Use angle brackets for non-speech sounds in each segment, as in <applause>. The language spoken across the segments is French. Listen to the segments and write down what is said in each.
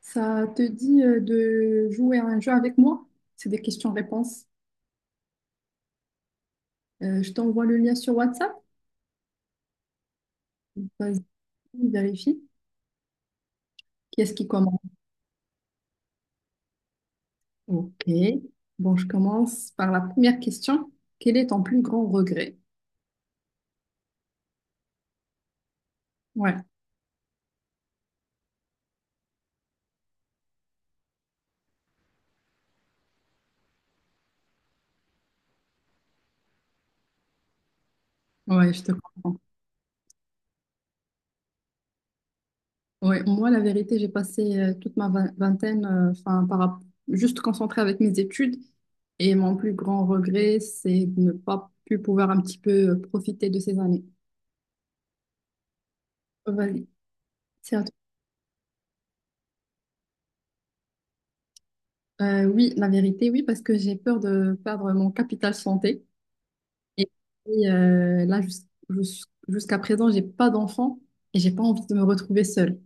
Ça te dit de jouer à un jeu avec moi? C'est des questions-réponses. Je t'envoie le lien sur WhatsApp. Vas-y, vérifie. Qui est-ce qui commence? Ok. Bon, je commence par la première question. Quel est ton plus grand regret? Ouais, ouais, je te comprends. Ouais, moi, la vérité, j'ai passé toute ma vingtaine, enfin, juste concentrée avec mes études. Et mon plus grand regret, c'est de ne pas pu pouvoir un petit peu profiter de ces années. Vas-y, c'est à toi. Oui, la vérité, oui, parce que j'ai peur de perdre mon capital santé. Et puis, là, jusqu'à présent, j'ai pas d'enfant et j'ai pas envie de me retrouver seule.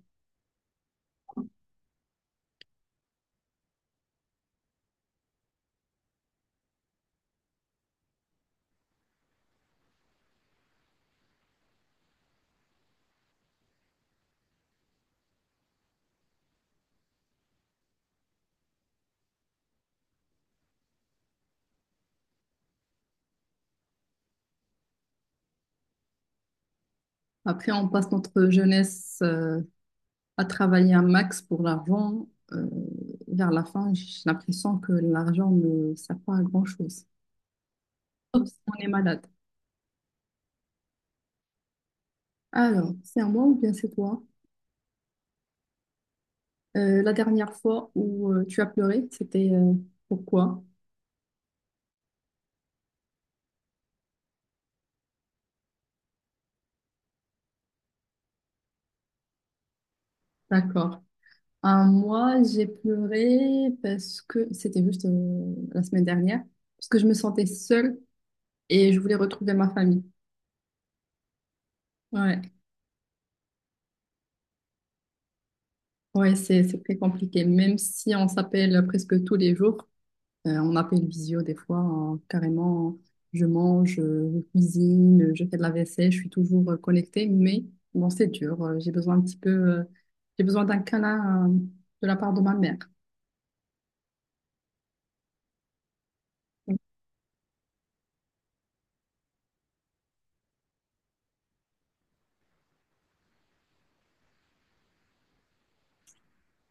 Après, on passe notre jeunesse à travailler un max pour l'argent. Vers la fin, j'ai l'impression que l'argent ne sert pas à grand-chose. Sauf si on est malade. Alors, c'est à moi ou bien c'est toi? La dernière fois où tu as pleuré, c'était pourquoi? D'accord. Un mois, j'ai pleuré parce que c'était juste la semaine dernière, parce que je me sentais seule et je voulais retrouver ma famille. Ouais, ouais, c'est très compliqué. Même si on s'appelle presque tous les jours, on appelle visio des fois, hein, carrément. Je mange, je cuisine, je fais de la vaisselle, je suis toujours connectée, mais bon, c'est dur. J'ai besoin un petit peu, j'ai besoin d'un câlin de la part de ma mère.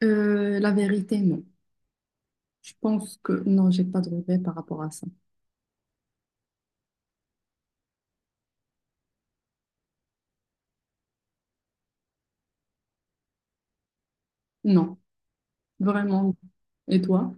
La vérité, non. Je pense que non, j'ai pas de regret par rapport à ça. Non, vraiment. Et toi?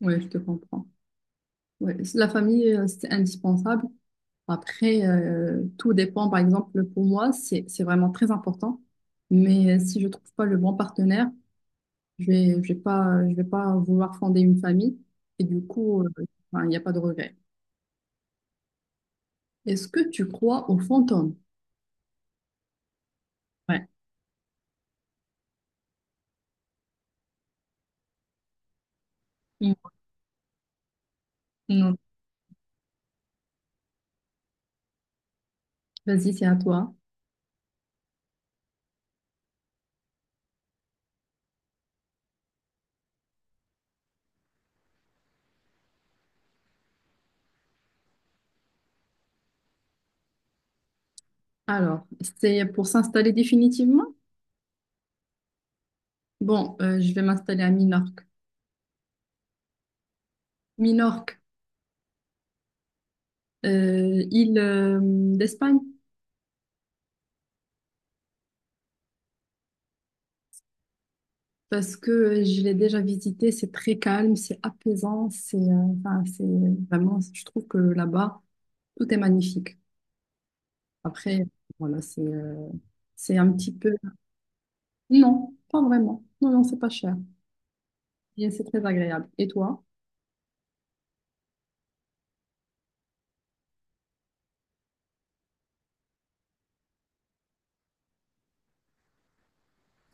Ouais, je te comprends. Ouais, c'est- la famille, c'est indispensable. Après, tout dépend. Par exemple, pour moi, c'est vraiment très important. Mais si je trouve pas le bon partenaire, je vais pas vouloir fonder une famille. Et du coup, enfin, il n'y a pas de regret. Est-ce que tu crois aux fantômes? Ouais. Non. Vas-y, c'est à toi. Alors, c'est pour s'installer définitivement? Bon, je vais m'installer à Minorque. Minorque, île d'Espagne, parce que je l'ai déjà visité, c'est très calme, c'est apaisant, c'est enfin, c'est vraiment, je trouve que là-bas, tout est magnifique. Après, voilà, c'est un petit peu... Non, pas vraiment. Non, non, c'est pas cher. Et c'est très agréable. Et toi?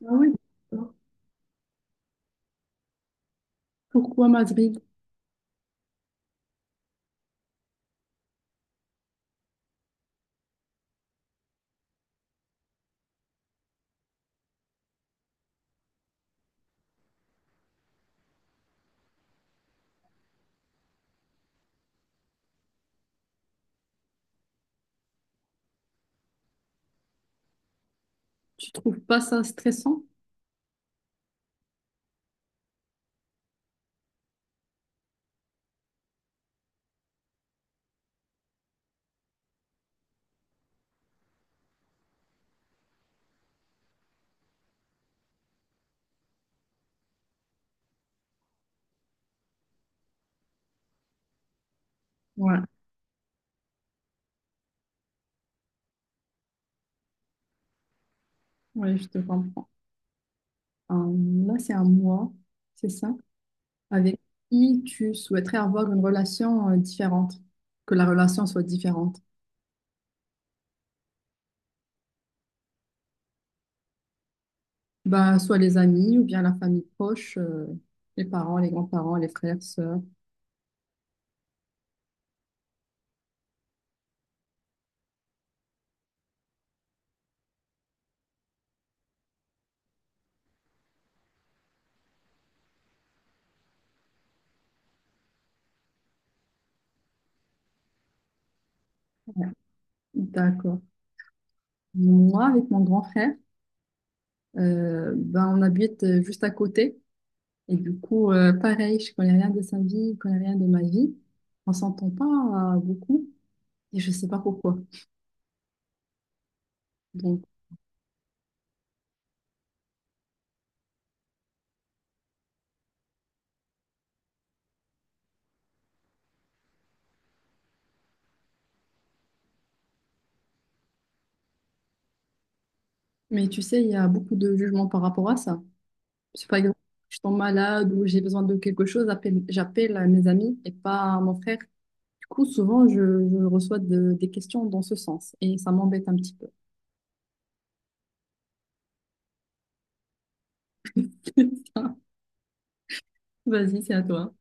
Ah oui. Pourquoi Madrid? Tu trouves pas ça stressant? Ouais, ouais, je te comprends. Euh, là, c'est un mois, c'est ça? Avec qui tu souhaiterais avoir une relation différente, que la relation soit différente? Ben, soit les amis ou bien la famille proche, les parents, les grands-parents, les frères, sœurs. D'accord. Moi, avec mon grand frère, ben, on habite juste à côté. Et du coup, pareil, je connais rien de sa vie, je connais rien de ma vie. On s'entend pas beaucoup et je sais pas pourquoi. Donc, mais tu sais, il y a beaucoup de jugements par rapport à ça. Si par exemple, je tombe malade ou j'ai besoin de quelque chose, j'appelle à mes amis et pas à mon frère. Du coup, souvent, je reçois des questions dans ce sens et ça m'embête un petit peu. <laughs> Vas-y, c'est à toi.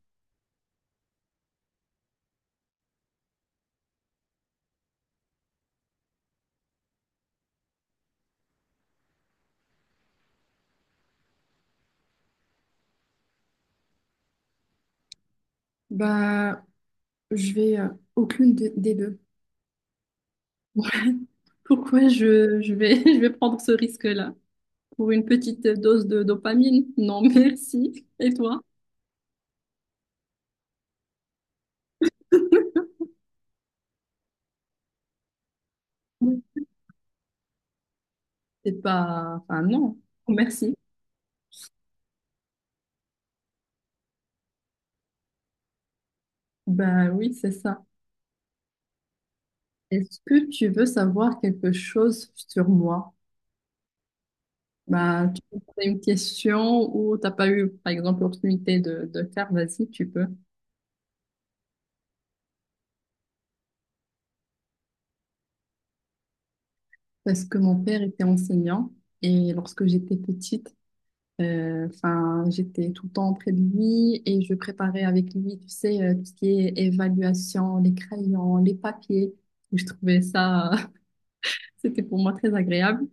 Bah, je vais aucune des deux. <laughs> Ouais. Pourquoi je vais, <laughs> je vais prendre ce risque-là? Pour une petite dose de dopamine? Non, <laughs> merci. Et toi? C'est pas... Enfin, non. Merci. Bah oui, c'est ça. Est-ce que tu veux savoir quelque chose sur moi? Bah, tu peux poser une question ou t'as pas eu, par exemple, l'opportunité de faire, vas-y, tu peux. Parce que mon père était enseignant et lorsque j'étais petite, enfin, j'étais tout le temps près de lui et je préparais avec lui, tu sais, tout ce qui est évaluation, les crayons, les papiers. Et je trouvais ça, <laughs> c'était pour moi très agréable.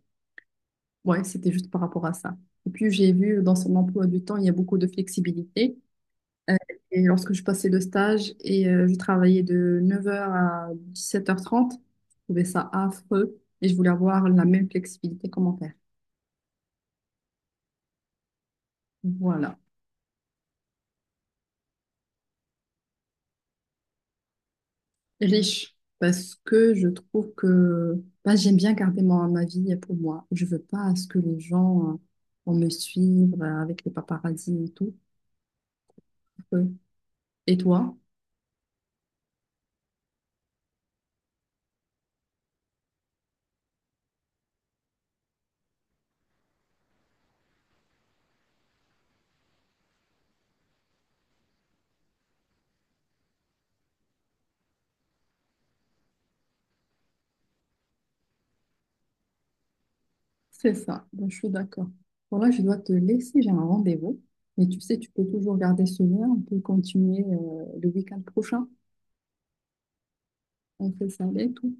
Ouais, c'était juste par rapport à ça. Et puis, j'ai vu dans son emploi du temps, il y a beaucoup de flexibilité. Euh, et lorsque je passais le stage et je travaillais de 9 heures à 17h30, je trouvais ça affreux et je voulais avoir la même flexibilité comment faire. Voilà. Riche, parce que je trouve que bah, j'aime bien garder ma, ma vie pour moi. Je veux pas à ce que les gens vont me suivre avec les paparazzis et tout. Euh, Et toi? C'est ça, donc je suis d'accord. Bon là, je dois te laisser, j'ai un rendez-vous. Mais tu sais, tu peux toujours garder ce lien, on peut continuer le week-end prochain. On fait ça avec. Ou-